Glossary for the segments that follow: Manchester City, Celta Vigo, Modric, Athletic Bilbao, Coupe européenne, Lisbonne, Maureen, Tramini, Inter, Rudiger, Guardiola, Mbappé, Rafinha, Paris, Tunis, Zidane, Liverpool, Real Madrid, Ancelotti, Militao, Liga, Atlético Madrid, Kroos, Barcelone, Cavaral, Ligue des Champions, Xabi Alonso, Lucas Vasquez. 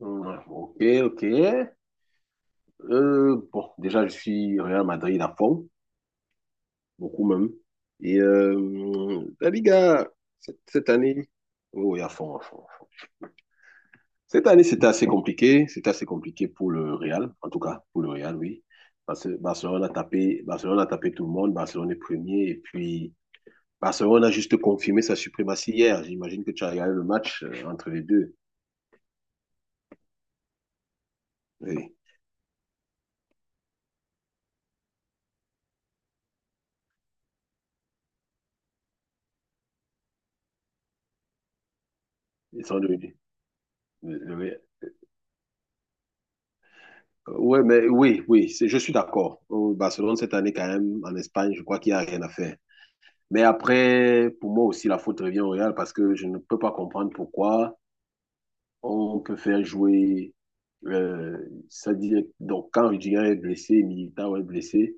Ouais, ok, ok. Bon, déjà, je suis Real Madrid à fond, beaucoup même. Et la Liga, cette année, oui, à fond, à fond. Cette année, c'était assez compliqué. C'était assez compliqué pour le Real, en tout cas, pour le Real, oui. Parce que Barcelone a tapé tout le monde. Barcelone est premier. Et puis, Barcelone a juste confirmé sa suprématie hier. J'imagine que tu as regardé le match entre les deux. Oui. Ils sont devenus. euh, Oui, Ouais, mais oui, oui, je suis d'accord. Au Barcelone, cette année, quand même, en Espagne, je crois qu'il n'y a rien à faire. Mais après, pour moi aussi, la faute revient au Real parce que je ne peux pas comprendre pourquoi on peut faire jouer. euh, Ça dit, donc, quand Rudiger est blessé, Militao est blessé,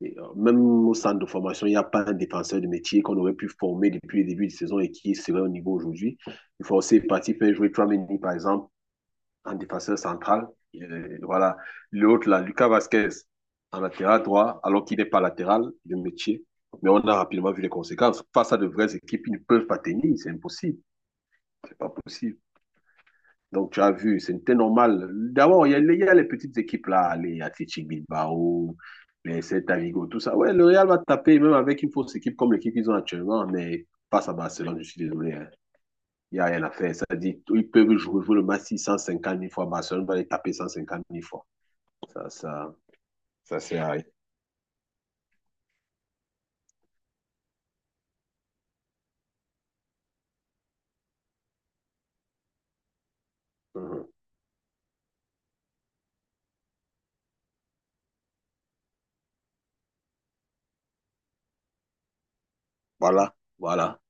et, même au centre de formation, il n'y a pas un défenseur de métier qu'on aurait pu former depuis le début de saison et qui serait au niveau aujourd'hui. Il faut aussi partir faire jouer Tramini, par exemple, en défenseur central. Et voilà. L'autre, là, Lucas Vasquez, en latéral droit, alors qu'il n'est pas latéral de métier. Mais on a rapidement vu les conséquences. Face à de vraies équipes, ils ne peuvent pas tenir. C'est impossible. C'est pas possible. Donc, tu as vu, c'était normal. D'abord, il y a les petites équipes là, les Athletic Bilbao, les Celta Vigo, tout ça. Ouais, le Real va taper, même avec une fausse équipe comme l'équipe qu'ils ont actuellement, mais face à Barcelone, je suis désolé, hein. Il n'y a rien à faire. Ça dit, ils peuvent jouer le match 650 000 fois. Barcelone va les taper 150 000 fois. Ça, ça, ça sert à rien. Mhm. Voilà, voilà.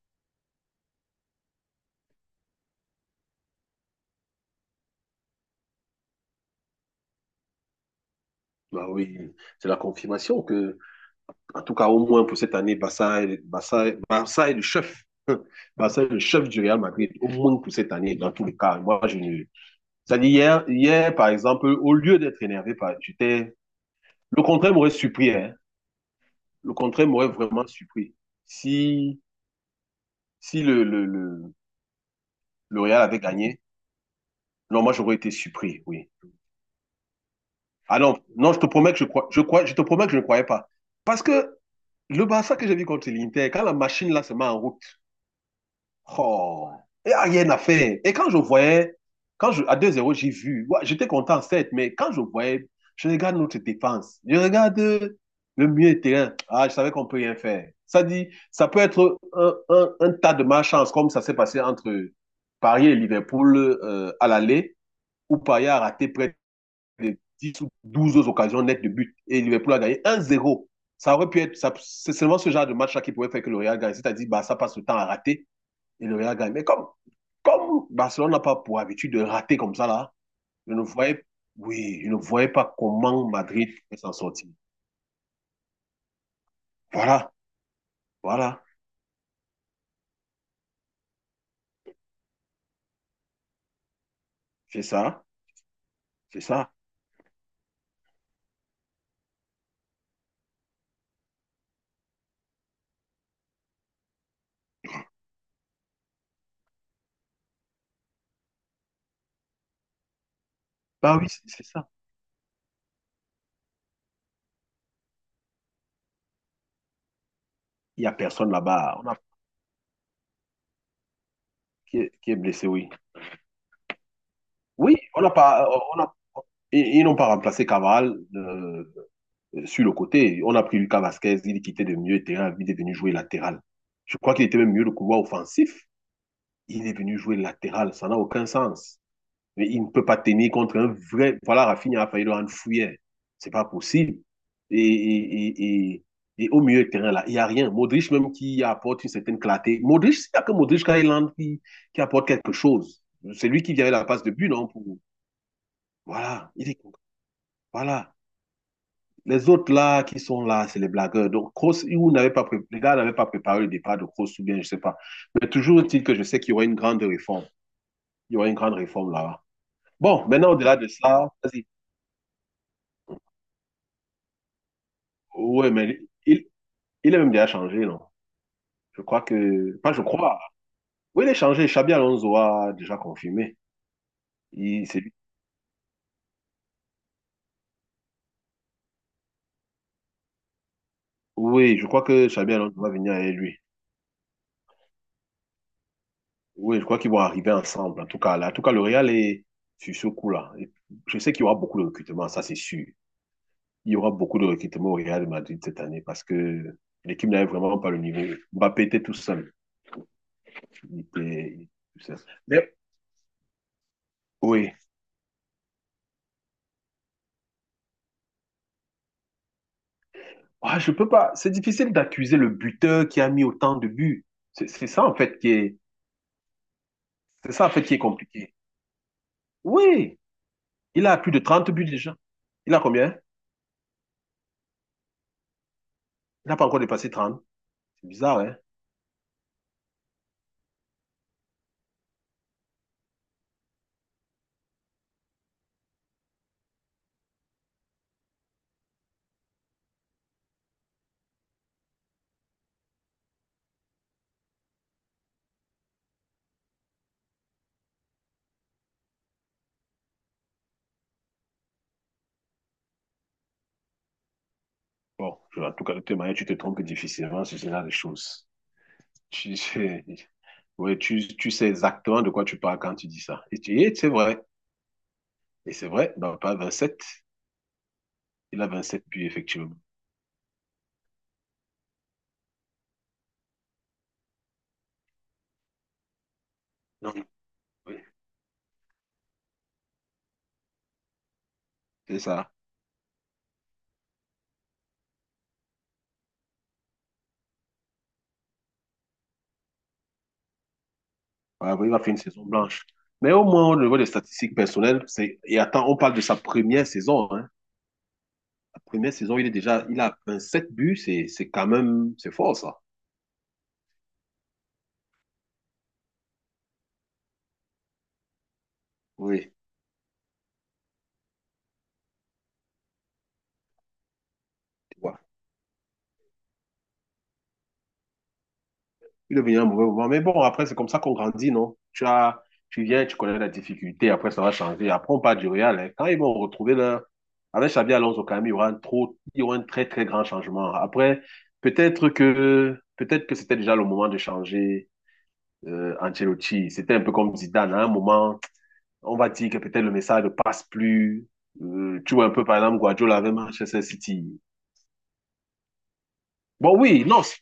Bah oui, c'est la confirmation que... En tout cas, au moins pour cette année, Barça est le chef. Barça est le chef du Real Madrid, au moins pour cette année, dans tous les cas. Moi, je ne... C'est-à-dire, hier, par exemple, au lieu d'être énervé, j'étais... Le contraire m'aurait surpris, hein. Le contraire m'aurait vraiment surpris. Si, si le Real avait gagné, non, moi, j'aurais été surpris, oui. Ah non, non, je te promets que je te promets que je ne croyais pas. Parce que le Barça que j'ai vu contre l'Inter, quand la machine là se met en route... Oh, il n'y a rien à faire. Et quand je voyais, quand je, à 2-0 j'ai vu, ouais, j'étais content, certes, mais quand je voyais, je regarde notre défense, je regarde le milieu de terrain. Ah, je savais qu'on peut rien faire. Ça dit, ça peut être un tas de malchance, comme ça s'est passé entre Paris et Liverpool à l'aller, où Paris a raté près de 10 ou 12 autres occasions nettes de but et Liverpool a gagné 1-0. Ça aurait pu être... c'est seulement ce genre de match-là qui pouvait faire que le Real gagne. C'est-à-dire, bah, ça passe le temps à rater et le Real gagne. Mais comme Barcelone n'a pas pour habitude de rater comme ça, là, je ne voyais, oui, je ne voyais pas comment Madrid peut s'en sortir. Voilà, voilà, c'est ça, c'est ça. Bah oui, c'est ça. Il n'y a personne là-bas, qui est blessé, oui. Oui, on n'a pas, on a, ils n'ont pas remplacé Cavaral sur le côté. On a pris Lucas Vasquez, il quittait de milieu de terrain, il est venu jouer latéral. Je crois qu'il était même mieux le couloir offensif. Il est venu jouer latéral, ça n'a aucun sens. Mais il ne peut pas tenir contre un vrai. Voilà, Rafinha a failli le rendre fouillère. C'est pas possible. Et, et, et, et, au milieu de terrain, là, il n'y a rien. Modric, même qui apporte une certaine clarté. Modric, il n'y a que Modric Kailand qui apporte quelque chose. C'est lui qui vient la passe de but, non pour... Voilà, il est... Voilà. Les autres là qui sont là, c'est les blagueurs. Donc, Kroos, n'avait pas pré... les gars n'avaient pas préparé le départ de Kroos ou bien, je ne sais pas. Mais toujours est-il que je sais qu'il y aura une grande réforme. Il y aura une grande réforme là-bas. Bon, maintenant, au-delà de ça, vas-y. Ouais, mais il, il est même déjà changé, non? Je crois que... Pas, je crois. Oui, il est changé. Xabi Alonso a déjà confirmé. C'est lui. Oui, je crois que Xabi Alonso va venir avec lui. Oui, je crois qu'ils vont arriver ensemble. En tout cas, là, le Real est sur ce coup-là. Et je sais qu'il y aura beaucoup de recrutements, ça c'est sûr. Il y aura beaucoup de recrutements au Real de Madrid cette année parce que l'équipe n'avait vraiment pas le niveau. Mbappé était tout seul. Il était il était tout seul. Mais oui... Ah, je peux pas. C'est difficile d'accuser le buteur qui a mis autant de buts. C'est ça en fait qui est... c'est ça en fait qui est, compliqué. Oui, il a plus de 30 buts déjà. Il a combien? Il n'a pas encore dépassé 30. C'est bizarre, hein? Bon, en tout cas, de toute manière, tu te trompes difficilement sur ce genre de choses. Tu sais ouais, tu sais exactement de quoi tu parles quand tu dis ça. Et c'est vrai. Et c'est vrai, il n'a pas sept... Il a 27 buts, effectivement. Non, oui, c'est ça. Ouais, oui, il a fait une saison blanche. Mais au moins, au niveau des statistiques personnelles, c'est... Et attends, on parle de sa première saison, hein. La première saison, il est déjà... Il a sept buts, c'est quand même... C'est fort, ça. Oui, tu vois. Il est venu à un mauvais moment. Mais bon, après, c'est comme ça qu'on grandit, non? Tu as... Tu viens, tu connais la difficulté, après, ça va changer. Après, on parle du Real, hein. Quand ils vont retrouver leur... Avec Xabi Alonso, quand même, il y aura un très, très grand changement. Après, peut-être que... Peut-être que c'était déjà le moment de changer Ancelotti. C'était un peu comme Zidane, à un moment on va dire que peut-être le message ne passe plus. Tu vois un peu, par exemple, Guardiola avec Manchester City. Bon, oui, non,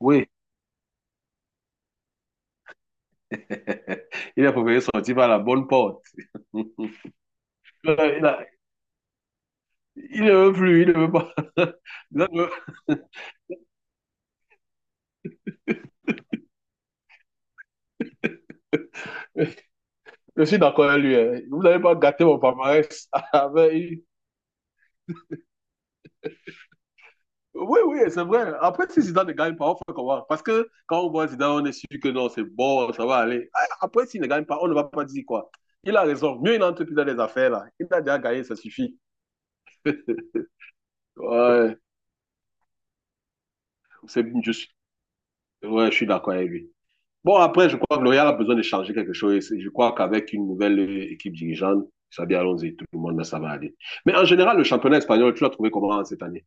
oui. Il a préféré sortir par la bonne porte. Il a- il ne veut plus, il ne veut pas. Il a- Je suis d'accord avec lui, hein. Vous n'avez pas gâté mon palmarès avec une... Oui, oui, c'est vrai. Après, si Zidane ne gagne pas, on fait comment? Parce que quand on voit Zidane, on est sûr que non, c'est bon, ça va aller. Ah, après, s'il ne gagne pas, on ne va pas dire quoi. Il a raison. Mieux une entreprise dans les affaires, là. Il a déjà gagné, ça suffit. Ouais, c'est juste. Ouais, je suis d'accord avec lui. Bon, après, je crois que le a besoin de changer quelque chose. Je crois qu'avec une nouvelle équipe dirigeante, ça bien allons-y, tout le monde, là, ça va aller. Mais en général, le championnat espagnol, tu l'as trouvé comment cette année?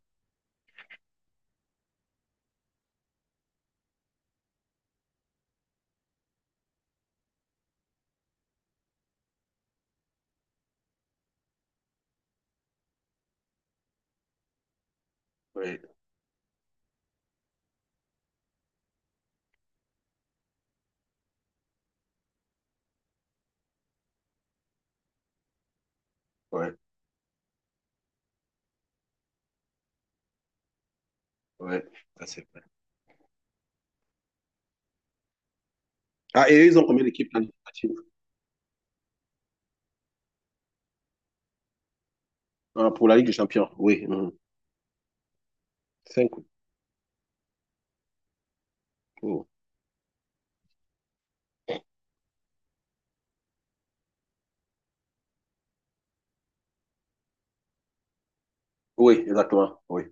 Oui, oui, oui, ça c'est vrai. Ah, et ils ont combien d'équipes qualificatives? Ah, pour la Ligue des Champions, oui. Mhm. Cinq. Mm. Oui, exactement. Oui,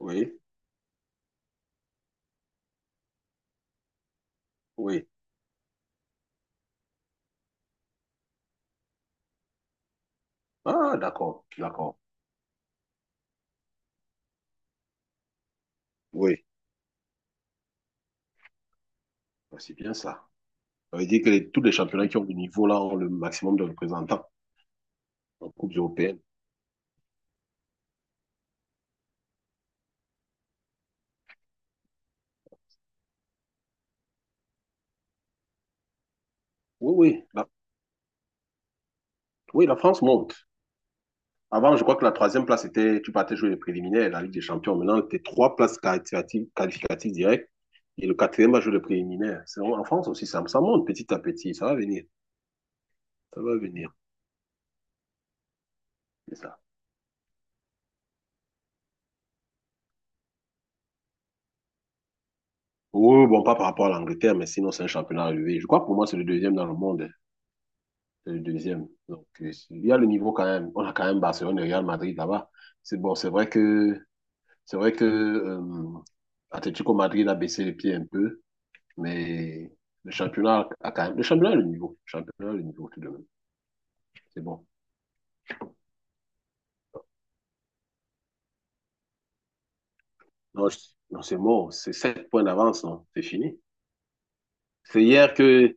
oui, oui. Ah, d'accord, d'accord. Oui, c'est bien ça. Ça veut dire que tous les championnats qui ont le niveau là ont le maximum de représentants en Coupe européenne. Oui, oui. Oui, la France monte. Avant, je crois que la troisième place était, tu partais jouer les préliminaires, la Ligue des Champions. Maintenant, tu trois places qualificatives, directes et le quatrième va jouer le préliminaire. En France aussi, ça monte petit à petit. Ça va venir. Ça va venir. C'est ça. Oui, bon, pas par rapport à l'Angleterre, mais sinon, c'est un championnat relevé. Je crois que pour moi, c'est le deuxième dans le monde. Le deuxième. Donc, il y a le niveau quand même. On a quand même Barcelone et Real Madrid là-bas. C'est bon, c'est vrai que Atlético Madrid a baissé les pieds un peu, mais le championnat a quand même. Le championnat a le niveau. Le championnat a le niveau tout de même. C'est bon. Non, non, c'est bon. C'est 7 points d'avance, non? C'est fini. C'est hier que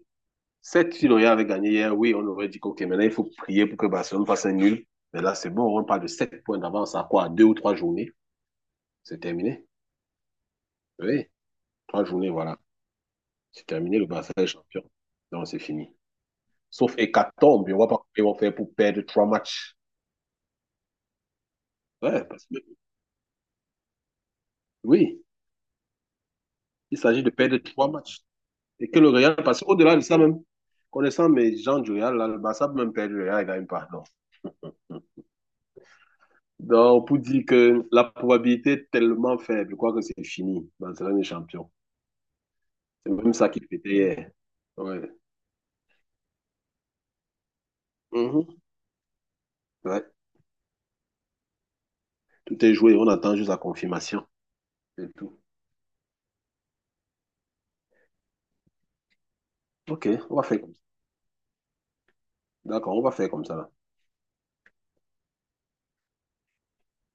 sept si le Real avait gagné hier. Oui, on aurait dit OK, maintenant il faut prier pour que Barcelone fasse un nul. Mais là, c'est bon, on parle de 7 points d'avance à quoi? Deux ou trois journées? C'est terminé. Oui, trois journées, voilà. C'est terminé, le Barça est champion. Non, c'est fini. Sauf hécatombe, on ne voit pas comment ils vont faire pour perdre trois matchs. Ouais, parce que, oui, il s'agit de perdre trois matchs. Et que le Real, parce qu'au-delà de ça même, connaissant mes gens du Real, là, le Barça peut même perdre le Real, il gagne pas. Non. Donc, pour dire que la probabilité est tellement faible, je crois que c'est fini. Barcelone est champion. C'est même ça qui fêtait hier. Ouais. Mhm. Ouais. Tout est joué, on attend juste la confirmation. C'est tout. Ok, on va faire comme ça. D'accord, on va faire comme ça, là.